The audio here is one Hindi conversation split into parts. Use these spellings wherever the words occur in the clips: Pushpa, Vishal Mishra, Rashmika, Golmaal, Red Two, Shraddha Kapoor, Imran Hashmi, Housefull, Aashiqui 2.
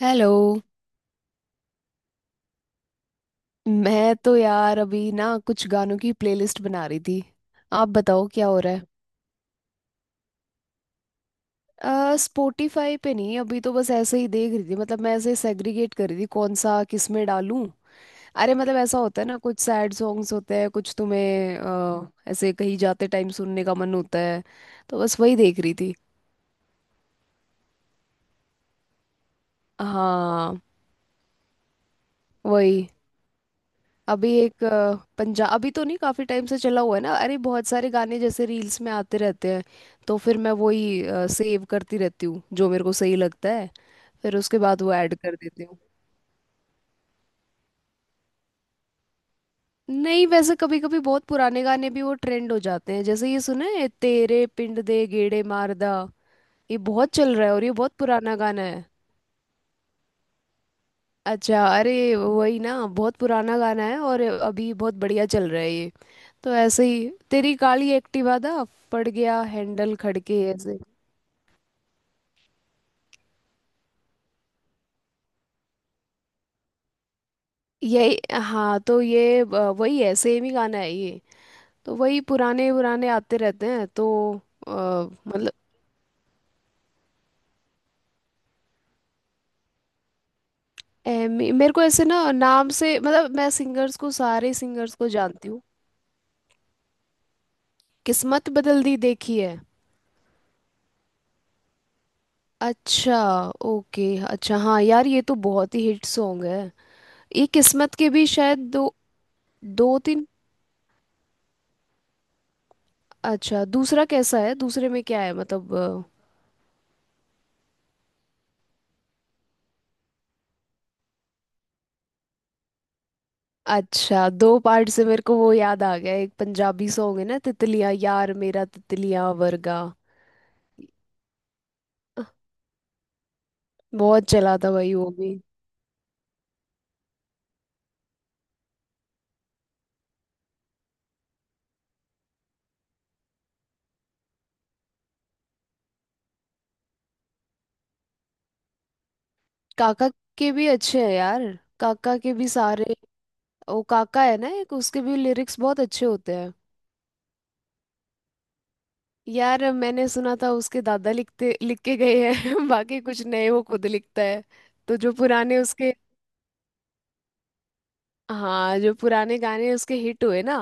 हेलो। मैं तो यार अभी ना कुछ गानों की प्लेलिस्ट बना रही थी। आप बताओ क्या हो रहा है। स्पॉटिफाई पे नहीं, अभी तो बस ऐसे ही देख रही थी, मतलब मैं ऐसे सेग्रीगेट कर रही थी कौन सा किस में डालूं। अरे मतलब ऐसा होता है ना, कुछ सैड सॉन्ग्स होते हैं, कुछ तुम्हें ऐसे कहीं जाते टाइम सुनने का मन होता है। तो बस वही देख रही थी। हाँ। वही। अभी एक पंजाब अभी तो नहीं, काफी टाइम से चला हुआ है ना, अरे बहुत सारे गाने जैसे रील्स में आते रहते हैं। तो फिर मैं वही सेव करती रहती हूँ जो मेरे को सही लगता है, फिर उसके बाद वो ऐड कर देती हूँ। नहीं वैसे, कभी कभी बहुत पुराने गाने भी वो ट्रेंड हो जाते हैं, जैसे ये सुना है, तेरे पिंड दे गेड़े मारदा। ये बहुत चल रहा है और ये बहुत पुराना गाना है। अच्छा अरे वही ना, बहुत पुराना गाना है और अभी बहुत बढ़िया चल रहा है ये। तो ऐसे ही, तेरी काली एक्टिवा दा पड़ गया हैंडल खड़के ऐसे। यही हाँ। तो ये वही है, सेम ही गाना है ये। तो वही पुराने पुराने आते रहते हैं तो। मतलब मेरे को ऐसे ना नाम से, मतलब मैं सिंगर्स को सारे सिंगर्स को जानती हूँ। किस्मत बदल दी देखी है। अच्छा ओके। अच्छा हाँ यार, ये तो बहुत ही हिट सॉन्ग है। ये किस्मत के भी शायद दो, दो तीन। अच्छा दूसरा कैसा है, दूसरे में क्या है मतलब। अच्छा दो पार्ट से मेरे को वो याद आ गया, एक पंजाबी सॉन्ग है ना, तितलिया, यार मेरा तितलिया वर्गा। बहुत चला था भाई वो भी। काका के भी अच्छे हैं यार, काका के भी सारे। वो काका है ना एक, उसके भी लिरिक्स बहुत अच्छे होते हैं। यार मैंने सुना था, उसके दादा लिखते लिख के गए हैं बाकी कुछ नए वो खुद लिखता है। तो जो पुराने उसके, हाँ जो पुराने गाने उसके हिट हुए ना,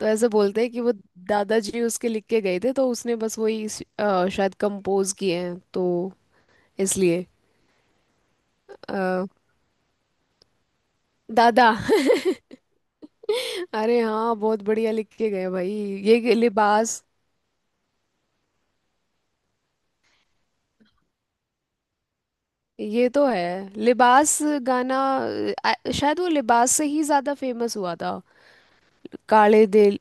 तो ऐसे बोलते हैं कि वो दादाजी उसके लिख के गए थे, तो उसने बस वही शायद कंपोज किए हैं तो, इसलिए। अ, दादा। अरे हाँ बहुत बढ़िया लिख के गए भाई। ये कि लिबास। ये तो है लिबास। गाना शायद वो लिबास से ही ज्यादा फेमस हुआ था। काले दिल।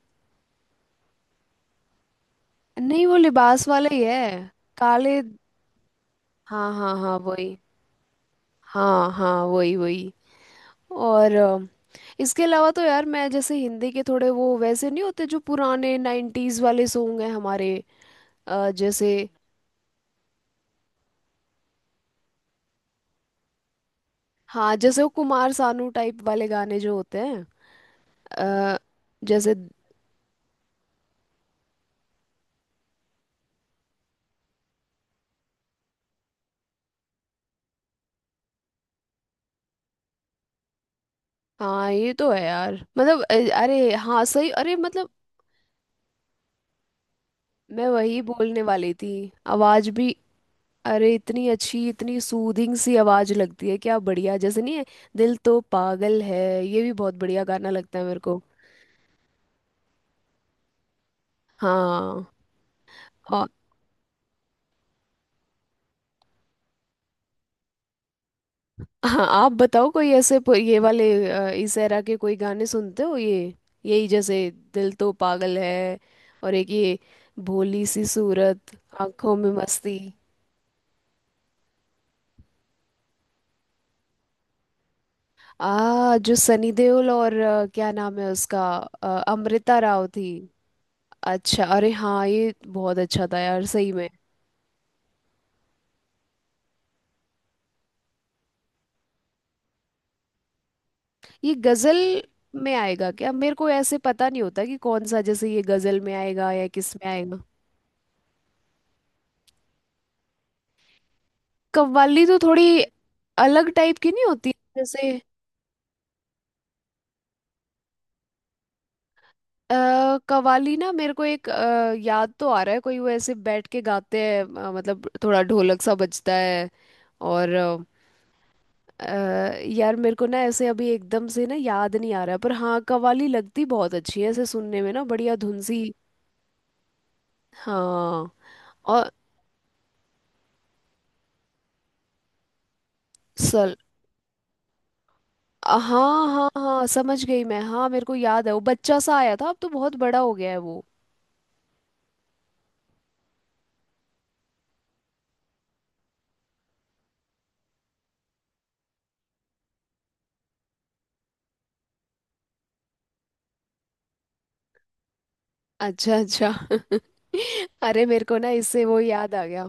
नहीं वो लिबास वाला ही है। काले। हाँ हाँ हाँ वही। हाँ हाँ वही वही। और इसके अलावा तो यार, मैं जैसे हिंदी के थोड़े वो वैसे नहीं होते जो पुराने नाइन्टीज वाले सॉन्ग हैं हमारे। जैसे। हाँ जैसे वो कुमार सानू टाइप वाले गाने जो होते हैं। अ, जैसे। हाँ ये तो है यार, मतलब अरे हाँ सही, अरे मतलब मैं वही बोलने वाली थी। आवाज भी, अरे इतनी अच्छी, इतनी सूदिंग सी आवाज लगती है, क्या बढ़िया जैसे नहीं है दिल तो पागल है, ये भी बहुत बढ़िया गाना लगता है मेरे को। हाँ हाँ। आप बताओ कोई ऐसे ये वाले इस एरा के कोई गाने सुनते हो ये। यही जैसे दिल तो पागल है। और एक ये, भोली सी सूरत आंखों में मस्ती। आ जो सनी देओल और क्या नाम है उसका अमृता राव थी। अच्छा अरे हाँ ये बहुत अच्छा था यार सही में। ये गजल में आएगा क्या, मेरे को ऐसे पता नहीं होता कि कौन सा, जैसे ये गजल में आएगा या किस में आएगा। कव्वाली तो थोड़ी अलग टाइप की नहीं होती। जैसे कव्वाली ना, मेरे को एक याद तो आ रहा है, कोई वो ऐसे बैठ के गाते हैं, मतलब थोड़ा ढोलक सा बजता है, और यार मेरे को ना ऐसे अभी एकदम से ना याद नहीं आ रहा है, पर हाँ कव्वाली लगती बहुत अच्छी है ऐसे सुनने में, ना बढ़िया धुन सी। हाँ। और सल। हाँ हाँ हाँ समझ गई मैं, हाँ मेरे को याद है, वो बच्चा सा आया था, अब तो बहुत बड़ा हो गया है वो। अच्छा अच्छा। अरे मेरे को ना इससे वो याद आ गया।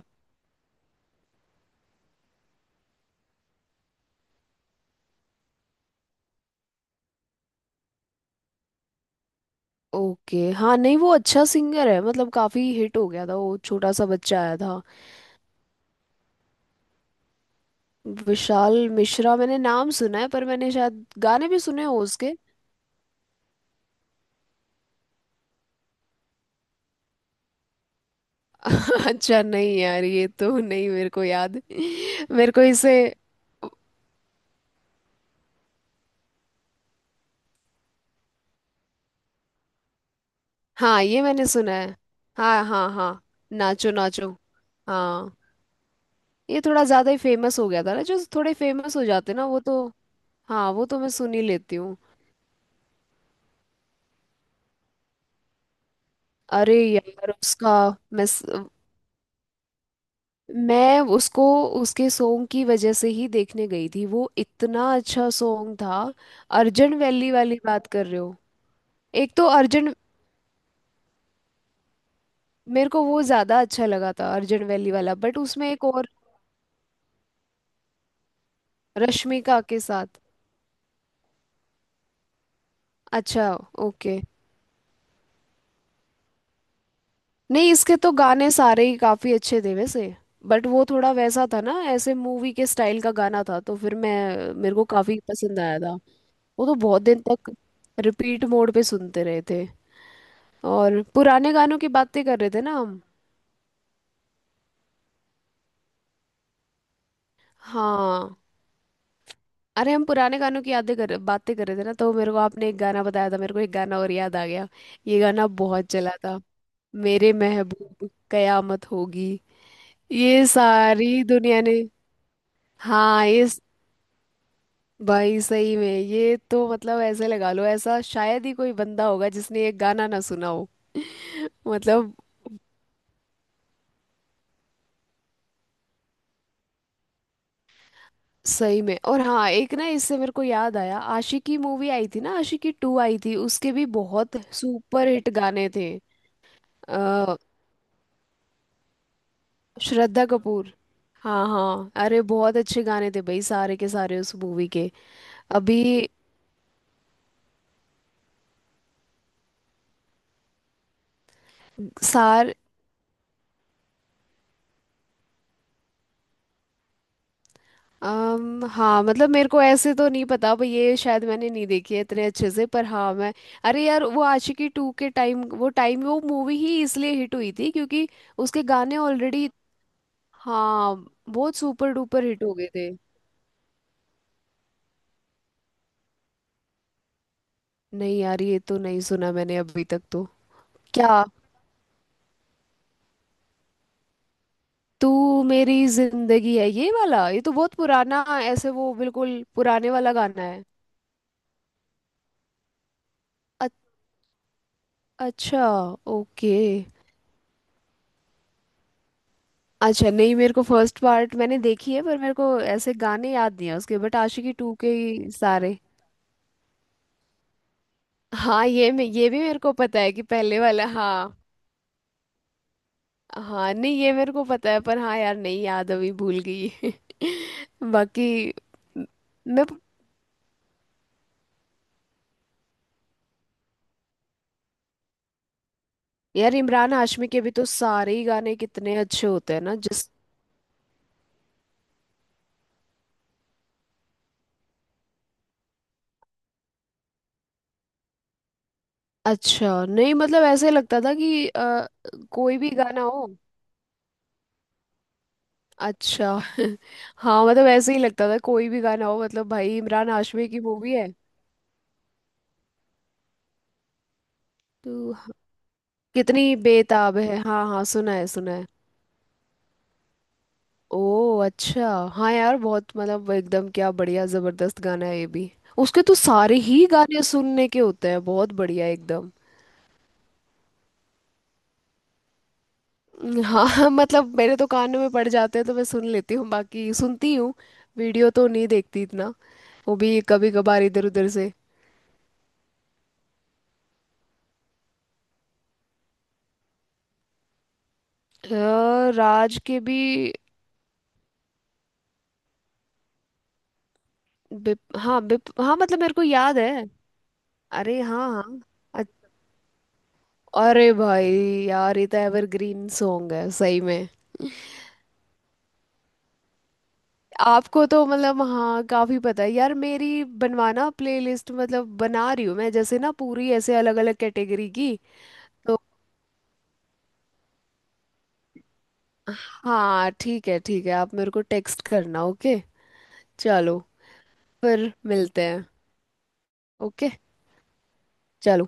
ओके हाँ नहीं वो अच्छा सिंगर है, मतलब काफी हिट हो गया था वो, छोटा सा बच्चा आया था। विशाल मिश्रा मैंने नाम सुना है, पर मैंने शायद गाने भी सुने हो उसके। अच्छा नहीं यार, ये तो नहीं मेरे को याद। मेरे को इसे। हाँ ये मैंने सुना है। हाँ हाँ हाँ। नाचो नाचो। हाँ ये थोड़ा ज्यादा ही फेमस हो गया था ना, जो थोड़े फेमस हो जाते ना वो तो। हाँ वो तो मैं सुन ही लेती हूँ। अरे यार उसका, मैं मैं उसको, उसके सॉन्ग की वजह से ही देखने गई थी, वो इतना अच्छा सॉन्ग था। अर्जन वैली वाली बात कर रहे हो। एक तो अर्जन, मेरे को वो ज्यादा अच्छा लगा था अर्जन वैली वाला, बट उसमें एक और, रश्मिका के साथ। अच्छा ओके। नहीं इसके तो गाने सारे ही काफी अच्छे थे वैसे, बट वो थोड़ा वैसा था ना, ऐसे मूवी के स्टाइल का गाना था, तो फिर मैं मेरे को काफी पसंद आया था। वो तो बहुत दिन तक रिपीट मोड पे सुनते रहे थे, और पुराने गानों की बातें कर रहे थे ना हम। हाँ। अरे हम पुराने गानों की यादें कर बातें कर रहे थे ना, तो मेरे को आपने एक गाना बताया था, मेरे को एक गाना और याद आ गया। ये गाना बहुत चला था। मेरे महबूब कयामत होगी, ये सारी दुनिया ने। हाँ ये भाई सही में ये तो, मतलब ऐसे लगा लो, ऐसा शायद ही कोई बंदा होगा जिसने ये गाना ना सुना हो। मतलब सही में। और हाँ एक ना, इससे मेरे को याद आया, आशिकी मूवी आई थी ना, आशिकी टू आई थी, उसके भी बहुत सुपर हिट गाने थे। अ, श्रद्धा कपूर। हाँ हाँ अरे बहुत अच्छे गाने थे भाई, सारे के सारे उस मूवी के। अभी सार। हाँ मतलब मेरे को ऐसे तो नहीं पता भाई, ये शायद मैंने नहीं देखी है इतने अच्छे से, पर हाँ मैं, अरे यार वो आशिकी टू के टाइम, वो टाइम वो मूवी ही इसलिए हिट हुई थी क्योंकि उसके गाने ऑलरेडी। हाँ बहुत सुपर डुपर हिट हो गए थे। नहीं यार ये तो नहीं सुना मैंने अभी तक तो। क्या? तू मेरी जिंदगी है ये वाला, ये तो बहुत पुराना ऐसे, वो बिल्कुल पुराने वाला गाना है। अ- अच्छा ओके। अच्छा नहीं मेरे को फर्स्ट पार्ट मैंने देखी है, पर मेरे को ऐसे गाने याद नहीं है उसके, बट आशिकी टू के ही सारे। हाँ ये मैं, ये भी मेरे को पता है कि पहले वाला, हाँ। हाँ नहीं ये मेरे को पता है, पर हाँ यार नहीं याद अभी, भूल गई। बाकी मैं। यार इमरान हाशमी के भी तो सारे ही गाने कितने अच्छे होते हैं ना जिस। अच्छा नहीं मतलब ऐसे लगता था कि कोई भी गाना हो। अच्छा। हाँ मतलब ऐसे ही लगता था कोई भी गाना हो, मतलब भाई इमरान हाशमी की मूवी है। तो हाँ, कितनी बेताब है, हाँ हाँ सुना है सुना है। ओ अच्छा। हाँ यार बहुत मतलब एकदम क्या बढ़िया जबरदस्त गाना है ये भी। उसके तो सारे ही गाने सुनने के होते हैं, बहुत बढ़िया एकदम। हाँ। मतलब मेरे तो कानों में पड़ जाते हैं तो मैं सुन लेती हूँ, बाकी सुनती हूँ। वीडियो तो नहीं देखती इतना, वो भी कभी कभार इधर उधर से। राज के भी। हाँ बिप हाँ, मतलब मेरे को याद है। अरे हाँ हाँ। अ- अरे भाई, यार ये तो एवरग्रीन सॉन्ग है सही में। आपको तो मतलब हाँ काफी पता है यार, मेरी बनवाना प्लेलिस्ट, मतलब बना रही हूँ मैं जैसे ना पूरी ऐसे अलग अलग कैटेगरी की। तो हाँ ठीक है ठीक है, आप मेरे को टेक्स्ट करना, ओके। चलो, फिर मिलते हैं। ओके। चलो।